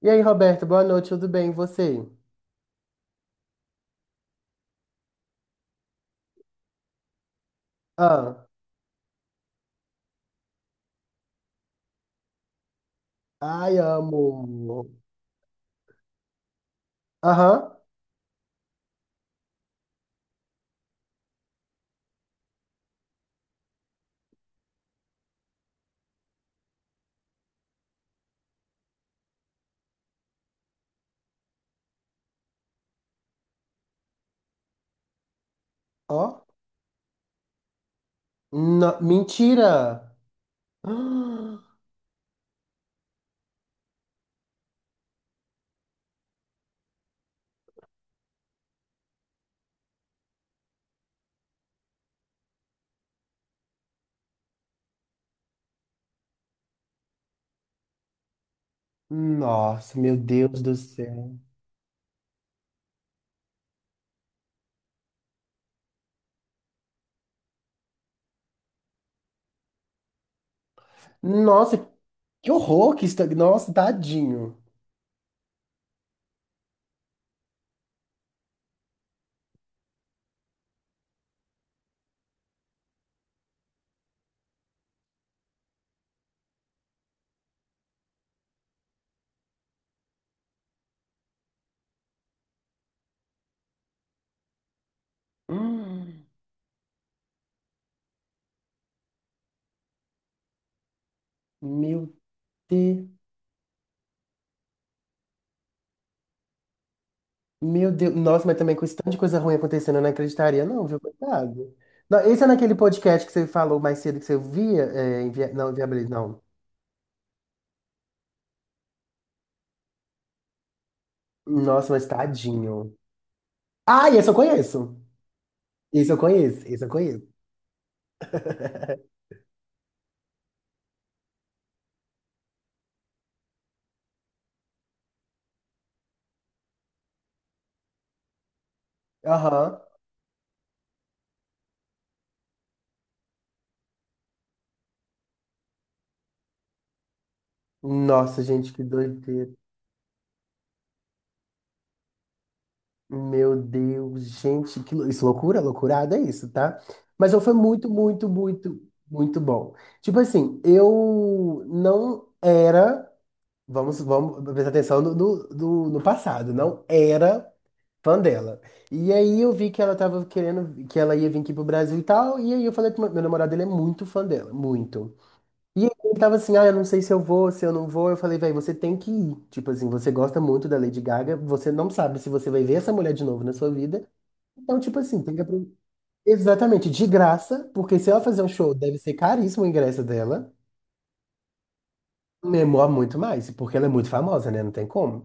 E aí, Roberto, boa noite, tudo bem? E você? Ah, ai, amo. Aham, ó. Mentira! Ah, nossa, meu Deus do céu. Nossa, que horror que está. Nossa, tadinho. Hum. Meu Deus. Meu Deus. Nossa, mas também com esse tanto de coisa ruim acontecendo, eu não acreditaria, não, viu? Coitado. Não, esse é naquele podcast que você falou mais cedo que você via. É, não, inviabilidade, não. Nossa, mas tadinho. Ah, esse eu conheço. Isso eu conheço, isso eu conheço. Aham. Nossa, gente, que doideira. Meu Deus, gente, isso é loucura, loucurada é isso, tá? Mas eu foi muito, muito, muito, muito bom. Tipo assim, eu não era, vamos prestar atenção no passado, não era fã dela. E aí eu vi que ela tava querendo, que ela ia vir aqui pro Brasil e tal, e aí eu falei que meu namorado, ele é muito fã dela, muito. E ele tava assim, ah, eu não sei se eu vou, se eu não vou. Eu falei, velho, você tem que ir. Tipo assim, você gosta muito da Lady Gaga, você não sabe se você vai ver essa mulher de novo na sua vida. Então, tipo assim, tem que aproveitar. Exatamente, de graça, porque se ela fazer um show, deve ser caríssimo o ingresso dela. Memor muito mais, porque ela é muito famosa, né? Não tem como.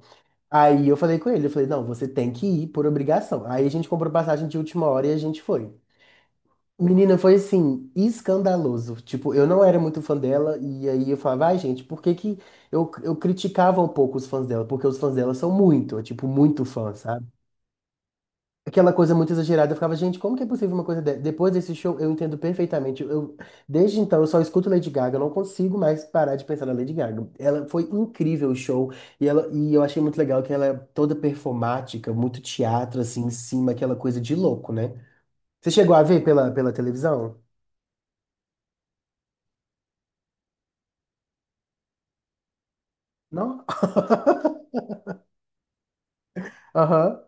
Aí eu falei com ele, eu falei, não, você tem que ir por obrigação. Aí a gente comprou passagem de última hora e a gente foi. Menina, foi assim, escandaloso. Tipo, eu não era muito fã dela, e aí eu falava, ai, gente, por que que. Eu criticava um pouco os fãs dela, porque os fãs dela são muito, tipo, muito fã, sabe? Aquela coisa muito exagerada, eu ficava, gente, como que é possível uma coisa dessa? Depois desse show, eu entendo perfeitamente. Eu, desde então, eu só escuto Lady Gaga, eu não consigo mais parar de pensar na Lady Gaga. Ela foi incrível o show, e eu achei muito legal que ela é toda performática, muito teatro, assim, em cima, aquela coisa de louco, né? Você chegou a ver pela televisão? Não? Aham,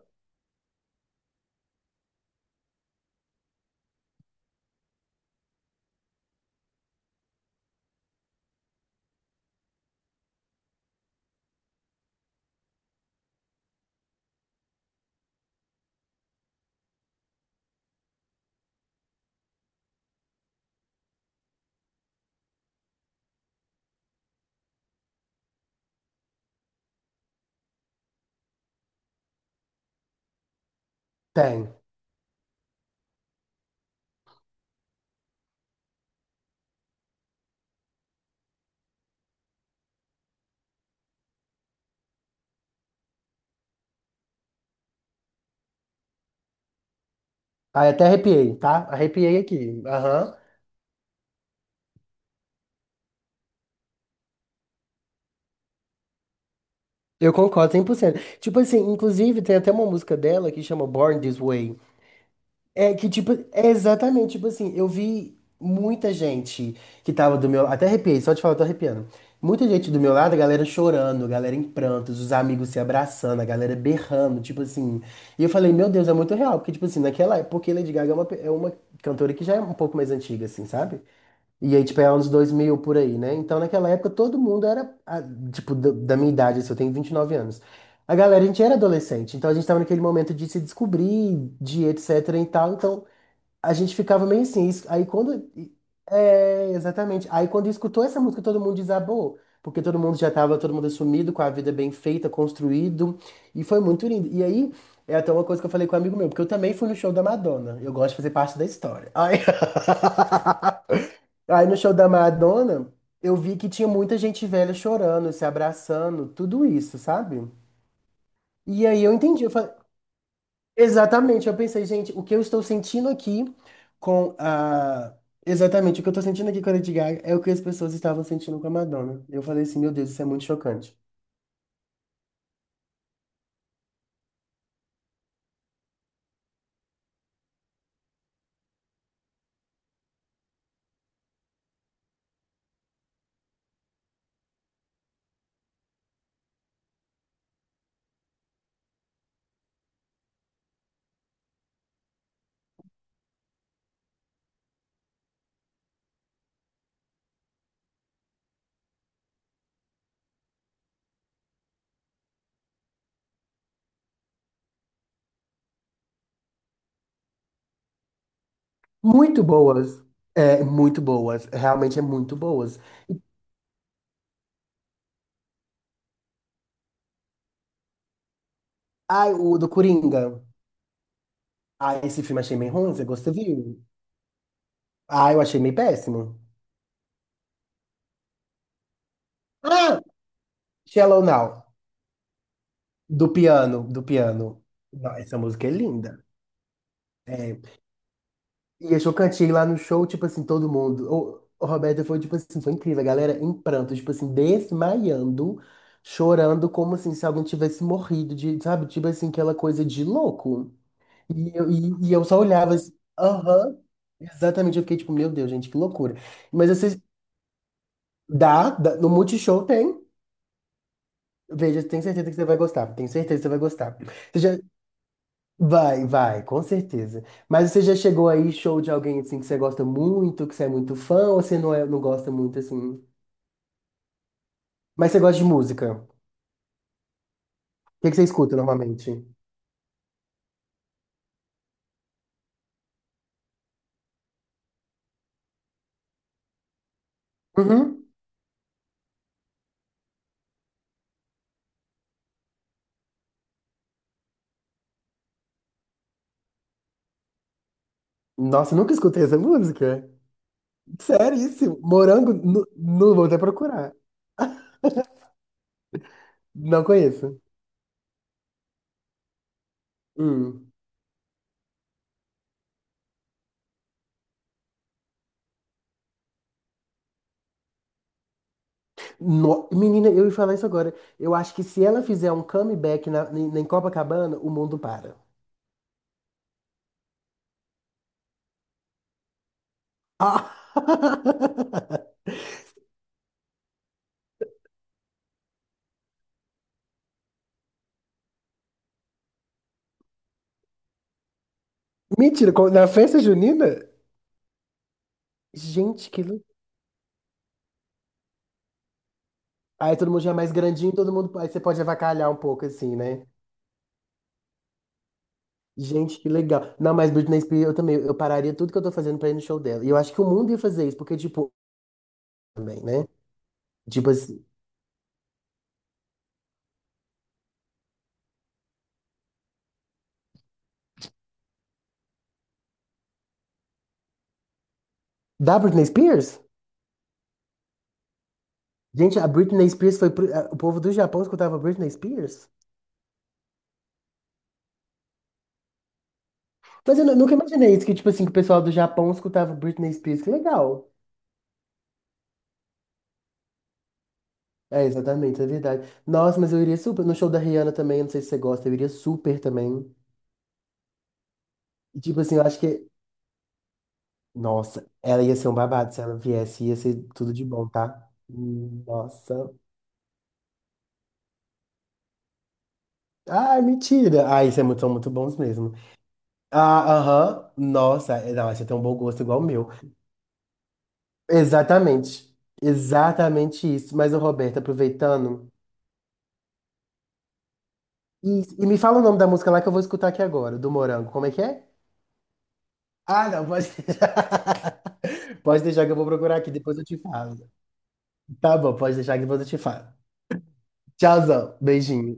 tem. Aí até arrepiei, tá? Arrepiei aqui. Aham. Eu concordo 100%. Tipo assim, inclusive tem até uma música dela que chama Born This Way. É que tipo, é exatamente, tipo assim, eu vi muita gente que tava do meu, lado, até arrepiei, só de falar eu tô arrepiando. Muita gente do meu lado, a galera chorando, a galera em prantos, os amigos se abraçando, a galera berrando, tipo assim. E eu falei, meu Deus, é muito real, porque tipo assim, naquela, época, porque Lady Gaga é uma cantora que já é um pouco mais antiga assim, sabe? E aí, tipo, é anos 2000 por aí, né? Então, naquela época, todo mundo era, tipo, da minha idade, assim, eu tenho 29 anos. A galera, a gente era adolescente, então a gente tava naquele momento de se descobrir, de etc e tal. Então, a gente ficava meio assim. Aí, quando. É, exatamente. Aí, quando escutou essa música, todo mundo desabou, porque todo mundo já tava, todo mundo assumido, com a vida bem feita, construído, e foi muito lindo. E aí, é até uma coisa que eu falei com um amigo meu, porque eu também fui no show da Madonna. Eu gosto de fazer parte da história. Ai. Aí no show da Madonna, eu vi que tinha muita gente velha chorando, se abraçando, tudo isso, sabe? E aí eu entendi, eu falei, exatamente, eu pensei, gente, o que eu estou sentindo aqui com a. Exatamente, o que eu estou sentindo aqui com a Lady Gaga é o que as pessoas estavam sentindo com a Madonna. Eu falei assim, meu Deus, isso é muito chocante. Muito boas. É, muito boas. Realmente é muito boas. Ai, o do Coringa. Ah, esse filme achei meio ruim, você gostou, viu? Ah, eu achei meio péssimo. Ah, Shallow Now. Do piano, do piano. Não, essa música é linda. É. E eu cantei lá no show, tipo assim, todo mundo. O Roberto foi, tipo assim, foi incrível. A galera em pranto, tipo assim, desmaiando, chorando, como assim, se alguém tivesse morrido, de, sabe? Tipo assim, aquela coisa de louco. E eu só olhava assim, aham, exatamente. Eu fiquei tipo, meu Deus, gente, que loucura. Mas vocês, dá, dá, no Multishow tem. Veja, tenho certeza que você vai gostar. Tenho certeza que você vai gostar. Vai, vai, com certeza. Mas você já chegou aí, show de alguém assim que você gosta muito, que você é muito fã, ou você não, é, não gosta muito assim? Mas você gosta de música? O que que você escuta normalmente? Uhum. Nossa, nunca escutei essa música. Seríssimo. Morango, vou até procurar. Não conheço. Hum. Menina, eu ia falar isso agora. Eu acho que se ela fizer um comeback na, em em Copacabana, o mundo para. Ah! Mentira, na festa junina? Gente, que. Aí todo mundo já é mais grandinho, todo mundo. Aí você pode avacalhar um pouco, assim, né? Gente, que legal. Não, mas Britney Spears, eu também. Eu pararia tudo que eu tô fazendo pra ir no show dela. E eu acho que o mundo ia fazer isso, porque, tipo, também, né? Tipo assim. Da Britney Spears? Gente, a Britney Spears foi. O povo do Japão escutava Britney Spears? Mas eu nunca imaginei isso, que, tipo assim, que o pessoal do Japão escutava Britney Spears. Que legal. É, exatamente, é verdade. Nossa, mas eu iria super. No show da Rihanna também, não sei se você gosta, eu iria super também. E, tipo assim, eu acho que. Nossa, ela ia ser um babado se ela viesse, ia ser tudo de bom, tá? Nossa. Ai, mentira. Ai, vocês são muito bons mesmo. Ah, aham. Nossa, é, não, você tem um bom gosto igual o meu. Exatamente. Exatamente isso. Mas o Roberto, aproveitando. Isso. E me fala o nome da música lá que eu vou escutar aqui agora, do Morango. Como é que é? Ah, não, pode deixar. Pode deixar que eu vou procurar aqui, depois eu te falo. Tá bom, pode deixar que depois eu te falo. Tchauzão, beijinho.